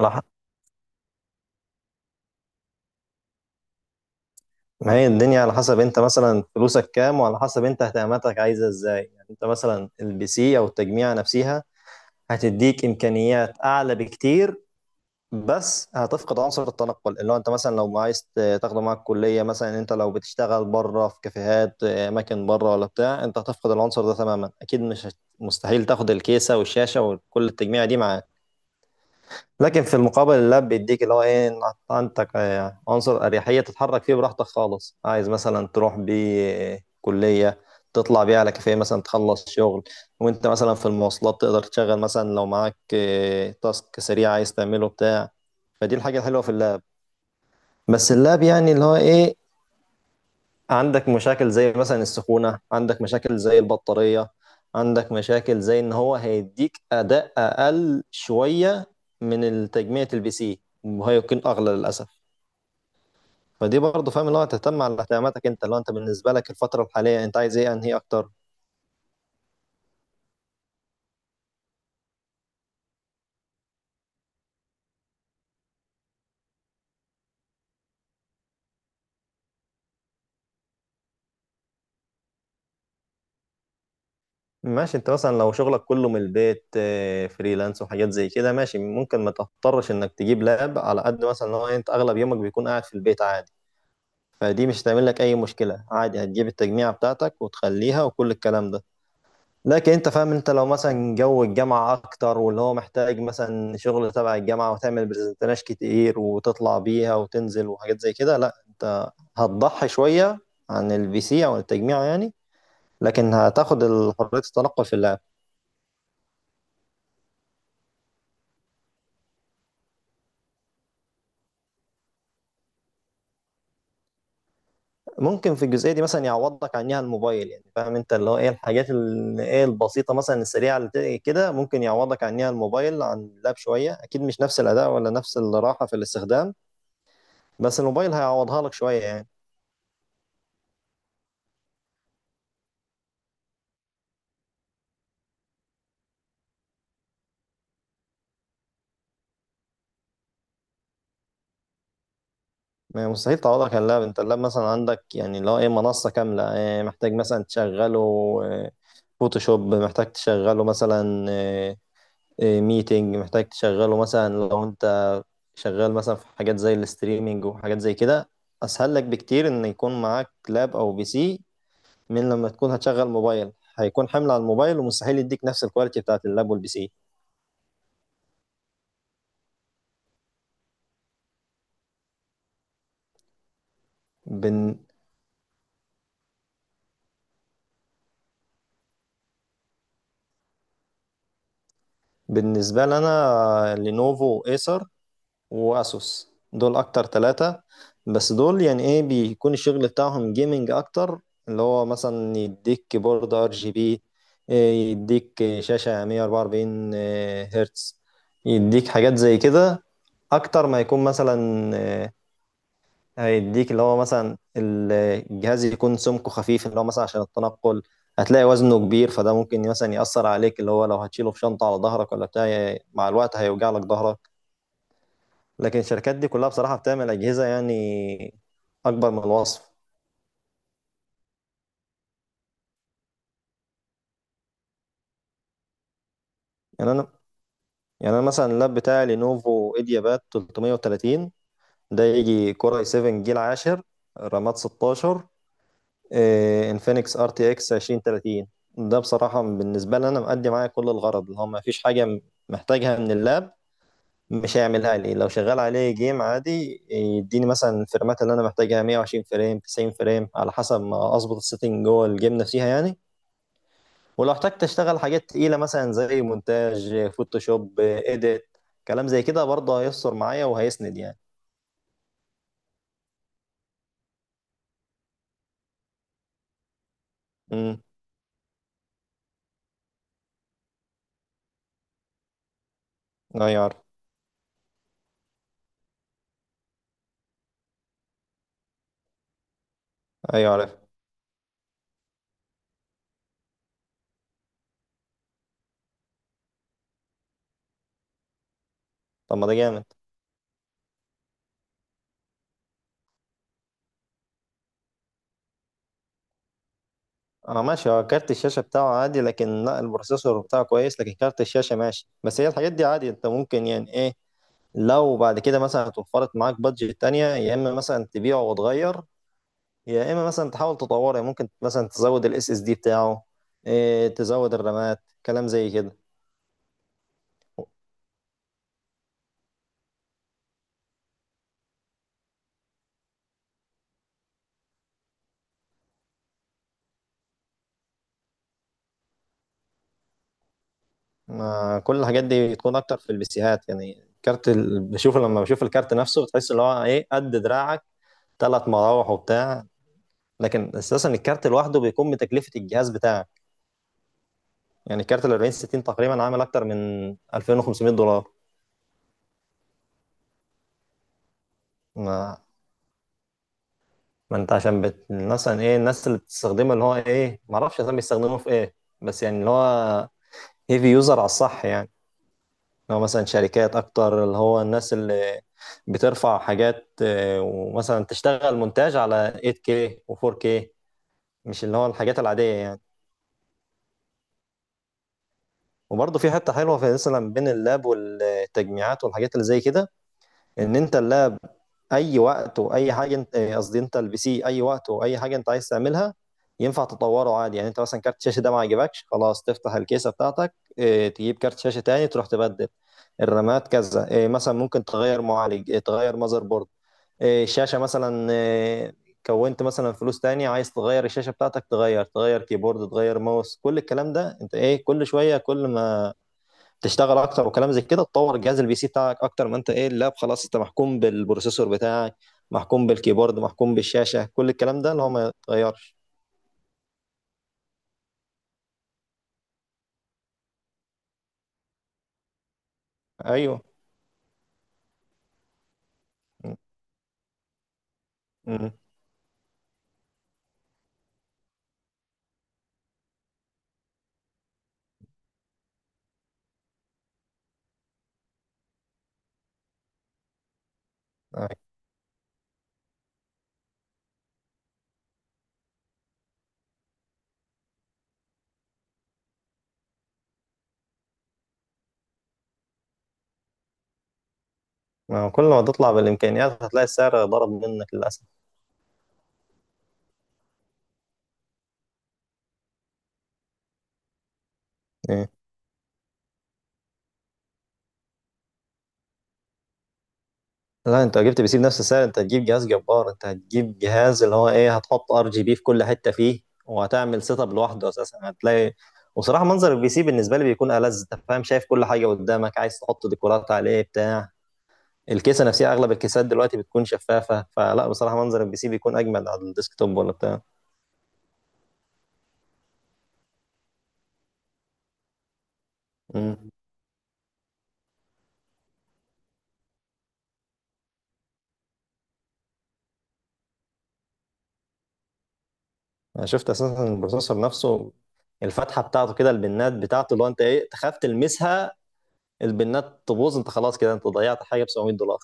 على ح... ما هي الدنيا على حسب انت مثلا فلوسك كام، وعلى حسب انت اهتماماتك عايزه ازاي، يعني انت مثلا البي سي او التجميع نفسها هتديك امكانيات اعلى بكتير، بس هتفقد عنصر التنقل اللي هو انت مثلا لو عايز تاخده معاك كليه مثلا. انت لو بتشتغل بره في كافيهات، اماكن بره ولا بتاع، انت هتفقد العنصر ده تماما. اكيد مش مستحيل تاخد الكيسه والشاشه وكل التجميع دي معاك. لكن في المقابل اللاب بيديك اللي هو ايه، إن عندك عنصر اريحيه تتحرك فيه براحتك خالص، عايز مثلا تروح بيه كليه، تطلع بيه على كافيه مثلا تخلص شغل، وانت مثلا في المواصلات تقدر تشغل مثلا لو معاك تاسك سريع عايز تعمله بتاع فدي الحاجه الحلوه في اللاب. بس اللاب يعني اللي هو ايه، عندك مشاكل زي مثلا السخونة، عندك مشاكل زي البطارية، عندك مشاكل زي ان هو هيديك اداء اقل شوية من التجميع البي سي، وهي يكون اغلى للاسف. فدي برضه فاهم، اللي هو تهتم على اهتماماتك انت، اللي هو انت بالنسبة لك الفترة الحالية انت عايز ايه انهي اكتر. ماشي، انت مثلا لو شغلك كله من البيت، فريلانس وحاجات زي كده، ماشي ممكن ما تضطرش انك تجيب لاب، على قد مثلا ان هو انت اغلب يومك بيكون قاعد في البيت عادي. فدي مش هتعمل لك اي مشكله، عادي هتجيب التجميعه بتاعتك وتخليها وكل الكلام ده. لكن انت فاهم، انت لو مثلا جو الجامعه اكتر، واللي هو محتاج مثلا شغل تبع الجامعه وتعمل برزنتيشن كتير وتطلع بيها وتنزل وحاجات زي كده، لا انت هتضحي شويه عن البي سي او التجميع يعني، لكن هتاخد حريه التنقل في اللعب. ممكن في الجزئية دي مثلا يعوضك عنها الموبايل، يعني فاهم انت اللي هو ايه الحاجات ايه البسيطة مثلا السريعة اللي كده ممكن يعوضك عنها الموبايل عن اللاب شوية. أكيد مش نفس الأداء ولا نفس الراحة في الاستخدام، بس الموبايل هيعوضها لك شوية يعني. ما مستحيل تعوضك عن اللاب، انت اللاب مثلا عندك يعني اللي هو ايه منصة كاملة، ايه محتاج مثلا تشغله اه، فوتوشوب، محتاج تشغله مثلا اه، ميتنج، محتاج تشغله مثلا لو انت شغال مثلا في حاجات زي الاستريمينج وحاجات زي كده. اسهل لك بكتير ان يكون معاك لاب او بي سي، من لما تكون هتشغل موبايل، هيكون حمل على الموبايل ومستحيل يديك نفس الكواليتي بتاعت اللاب والبي سي. بن... بالنسبة لنا لينوفو، ايسر، واسوس، دول اكتر ثلاثة. بس دول يعني ايه بيكون الشغل بتاعهم جيمنج اكتر، اللي هو مثلا يديك كيبورد ار جي بي، يديك شاشة 144 هرتز، يديك حاجات زي كده اكتر ما يكون مثلا آه، هيديك اللي هو مثلا الجهاز يكون سمكه خفيف، اللي هو مثلا عشان التنقل هتلاقي وزنه كبير، فده ممكن مثلا يأثر عليك، اللي هو لو هتشيله في شنطة على ظهرك ولا بتاع، مع الوقت هيوجع لك ظهرك. لكن الشركات دي كلها بصراحة بتعمل أجهزة يعني أكبر من الوصف. يعني أنا يعني أنا مثلا اللاب بتاعي لينوفو إيدياباد 330، ده يجي كور اي 7 جيل عاشر، رامات 16، انفينكس ار تي اكس 2030. ده بصراحة بالنسبة لي أنا مأدي معايا كل الغرض، اللي هو مفيش حاجة محتاجها من اللاب مش هيعملها لي. لو شغال عليه جيم عادي، يديني مثلا الفريمات اللي أنا محتاجها، 120 فريم، 90 فريم، على حسب ما أظبط السيتنج جوه الجيم نفسها يعني. ولو احتجت أشتغل حاجات تقيلة مثلا زي مونتاج، فوتوشوب، إيديت، كلام زي كده، برضه هيسر معايا وهيسند يعني. امم. أيوة عارف. أيوة عارف. طب ما ده جامد. اه ماشي، هو كارت الشاشة بتاعه عادي، لكن لا البروسيسور بتاعه كويس، لكن كارت الشاشة ماشي. بس هي الحاجات دي عادي، انت ممكن يعني ايه لو بعد كده مثلا اتوفرت معاك بادجت تانية، يا اما مثلا تبيعه وتغير، يا اما مثلا تحاول تطوره يعني. ممكن مثلا تزود الاس اس دي بتاعه، إيه تزود الرامات، كلام زي كده. ما كل الحاجات دي تكون اكتر في البيسيهات يعني. بشوف لما بشوف الكارت نفسه، بتحس اللي هو ايه قد دراعك، ثلاث مراوح وبتاع. لكن اساسا الكارت لوحده بيكون بتكلفة الجهاز بتاعك، يعني كارت ال 40 60 تقريبا عامل اكتر من 2500 دولار. ما, ما انت عشان مثلا ايه الناس اللي بتستخدمه، اللي هو ايه ما اعرفش اصلا بيستخدموه في ايه، بس يعني اللي هو هيفي يوزر على الصح يعني. لو مثلا شركات اكتر، اللي هو الناس اللي بترفع حاجات ومثلا تشتغل مونتاج على 8K و4K، مش اللي هو الحاجات العادية يعني. وبرضه في حتة حلوة، في مثلا بين اللاب والتجميعات والحاجات اللي زي كده، ان انت اللاب اي وقت واي حاجه انت قصدي انت البي سي اي وقت واي حاجه انت عايز تعملها ينفع تطوره عادي يعني. انت مثلا كارت الشاشه ده ما عجبكش، خلاص تفتح الكيسه بتاعتك تجيب كارت شاشه تاني تروح تبدل، الرامات كذا مثلا ممكن تغير معالج، تغير ماذر بورد، الشاشه مثلا، كونت مثلا فلوس تاني عايز تغير الشاشه بتاعتك، تغير كيبورد، تغير ماوس، كل الكلام ده انت ايه كل شويه، كل ما تشتغل اكتر وكلام زي كده تطور جهاز البي سي بتاعك اكتر. ما انت ايه اللاب، خلاص انت محكوم بالبروسيسور بتاعك، محكوم بالكيبورد، محكوم بالشاشه، كل الكلام ده اللي هو ما يتغيرش. ايوه. م- م- أيوة. ما هو كل ما تطلع بالامكانيات هتلاقي السعر ضرب منك للاسف. إيه. لا، انت لو جبت بي سي بنفس السعر انت هتجيب جهاز جبار، انت هتجيب جهاز اللي هو ايه هتحط ار جي بي في كل حته فيه، وهتعمل سيت اب لوحده اساسا هتلاقي. وصراحه منظر البي سي بالنسبه لي بيكون ألذ، انت فاهم شايف كل حاجه قدامك، عايز تحط ديكورات عليه بتاع الكيسه نفسها اغلب الكيسات دلوقتي بتكون شفافه، فلا بصراحه منظر البي سي بيكون اجمل على الديسكتوب ولا بتاع. امم. انا شفت اساسا البروسيسور نفسه، الفتحه بتاعته كده البنات بتاعته، اللي هو انت ايه تخاف تلمسها. البنات تبوظ، انت خلاص كده انت ضيعت حاجه ب 700 دولار.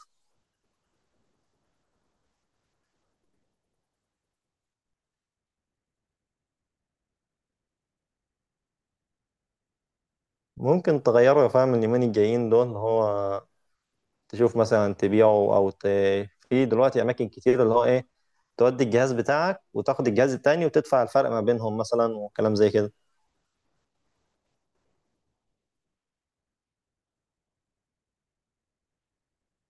ممكن تغيره فاهم اليومين الجايين دول، اللي هو تشوف مثلا تبيعه او في دلوقتي اماكن كتير اللي هو ايه تودي الجهاز بتاعك وتاخد الجهاز التاني وتدفع الفرق ما بينهم مثلا وكلام زي كده.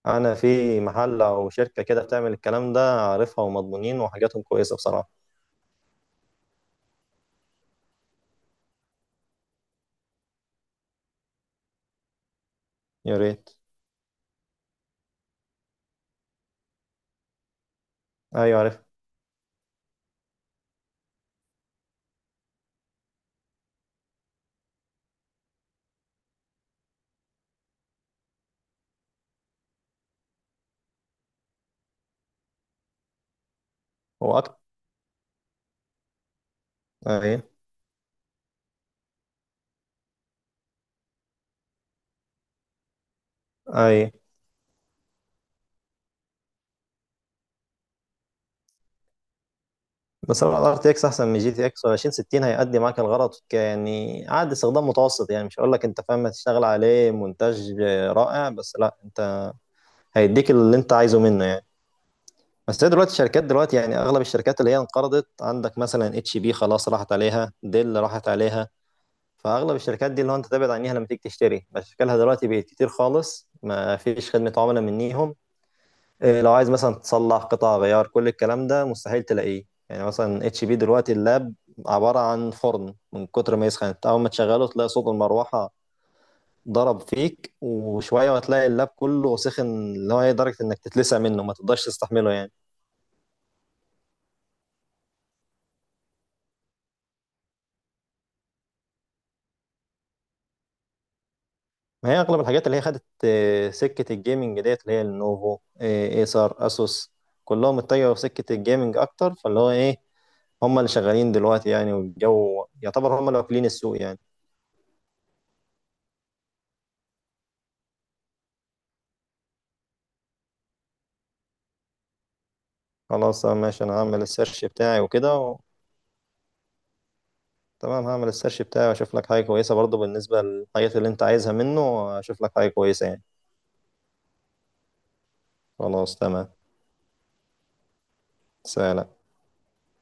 انا في محل او شركه كده بتعمل الكلام ده، عارفها ومضمونين وحاجاتهم كويسه بصراحه. يا ريت. ايوه عارف. هو اكتر. اي. اي. بس ار تي اكس احسن من جي تي اكس، و 2060 هيأدي معاك الغرض يعني عاد استخدام متوسط يعني، مش هقول لك انت فاهم هتشتغل عليه مونتاج رائع، بس لا انت هيديك اللي انت عايزه منه يعني. بس هي دلوقتي الشركات يعني اغلب الشركات اللي هي انقرضت، عندك مثلا اتش بي خلاص راحت عليها، ديل راحت عليها. فاغلب الشركات دي اللي هو انت تبعد عنيها لما تيجي تشتري، بشكلها دلوقتي بقت كتير خالص، ما فيش خدمه عملاء منيهم. إيه، لو عايز مثلا تصلح قطع غيار كل الكلام ده مستحيل تلاقيه يعني. مثلا اتش بي دلوقتي اللاب عباره عن فرن من كتر ما يسخن، انت اول ما تشغله تلاقي صوت المروحه ضرب فيك، وشويه وتلاقي اللاب كله سخن، اللي هو إيه، درجه انك تتلسع منه ما تقدرش تستحمله يعني. ما هي اغلب الحاجات اللي هي خدت سكه الجيمنج ديت، اللي هي النوفو، ايسر، اسوس، كلهم اتجهوا في سكه الجيمنج اكتر، فاللي هو ايه هم اللي شغالين دلوقتي يعني، والجو يعتبر هم اللي واكلين السوق يعني. خلاص ماشي، انا هعمل السيرش بتاعي وكده تمام هعمل السيرش بتاعي واشوف لك حاجه كويسه، برضه بالنسبه للحاجات اللي انت عايزها منه، واشوف لك حاجه كويسه يعني. خلاص تمام. سلام.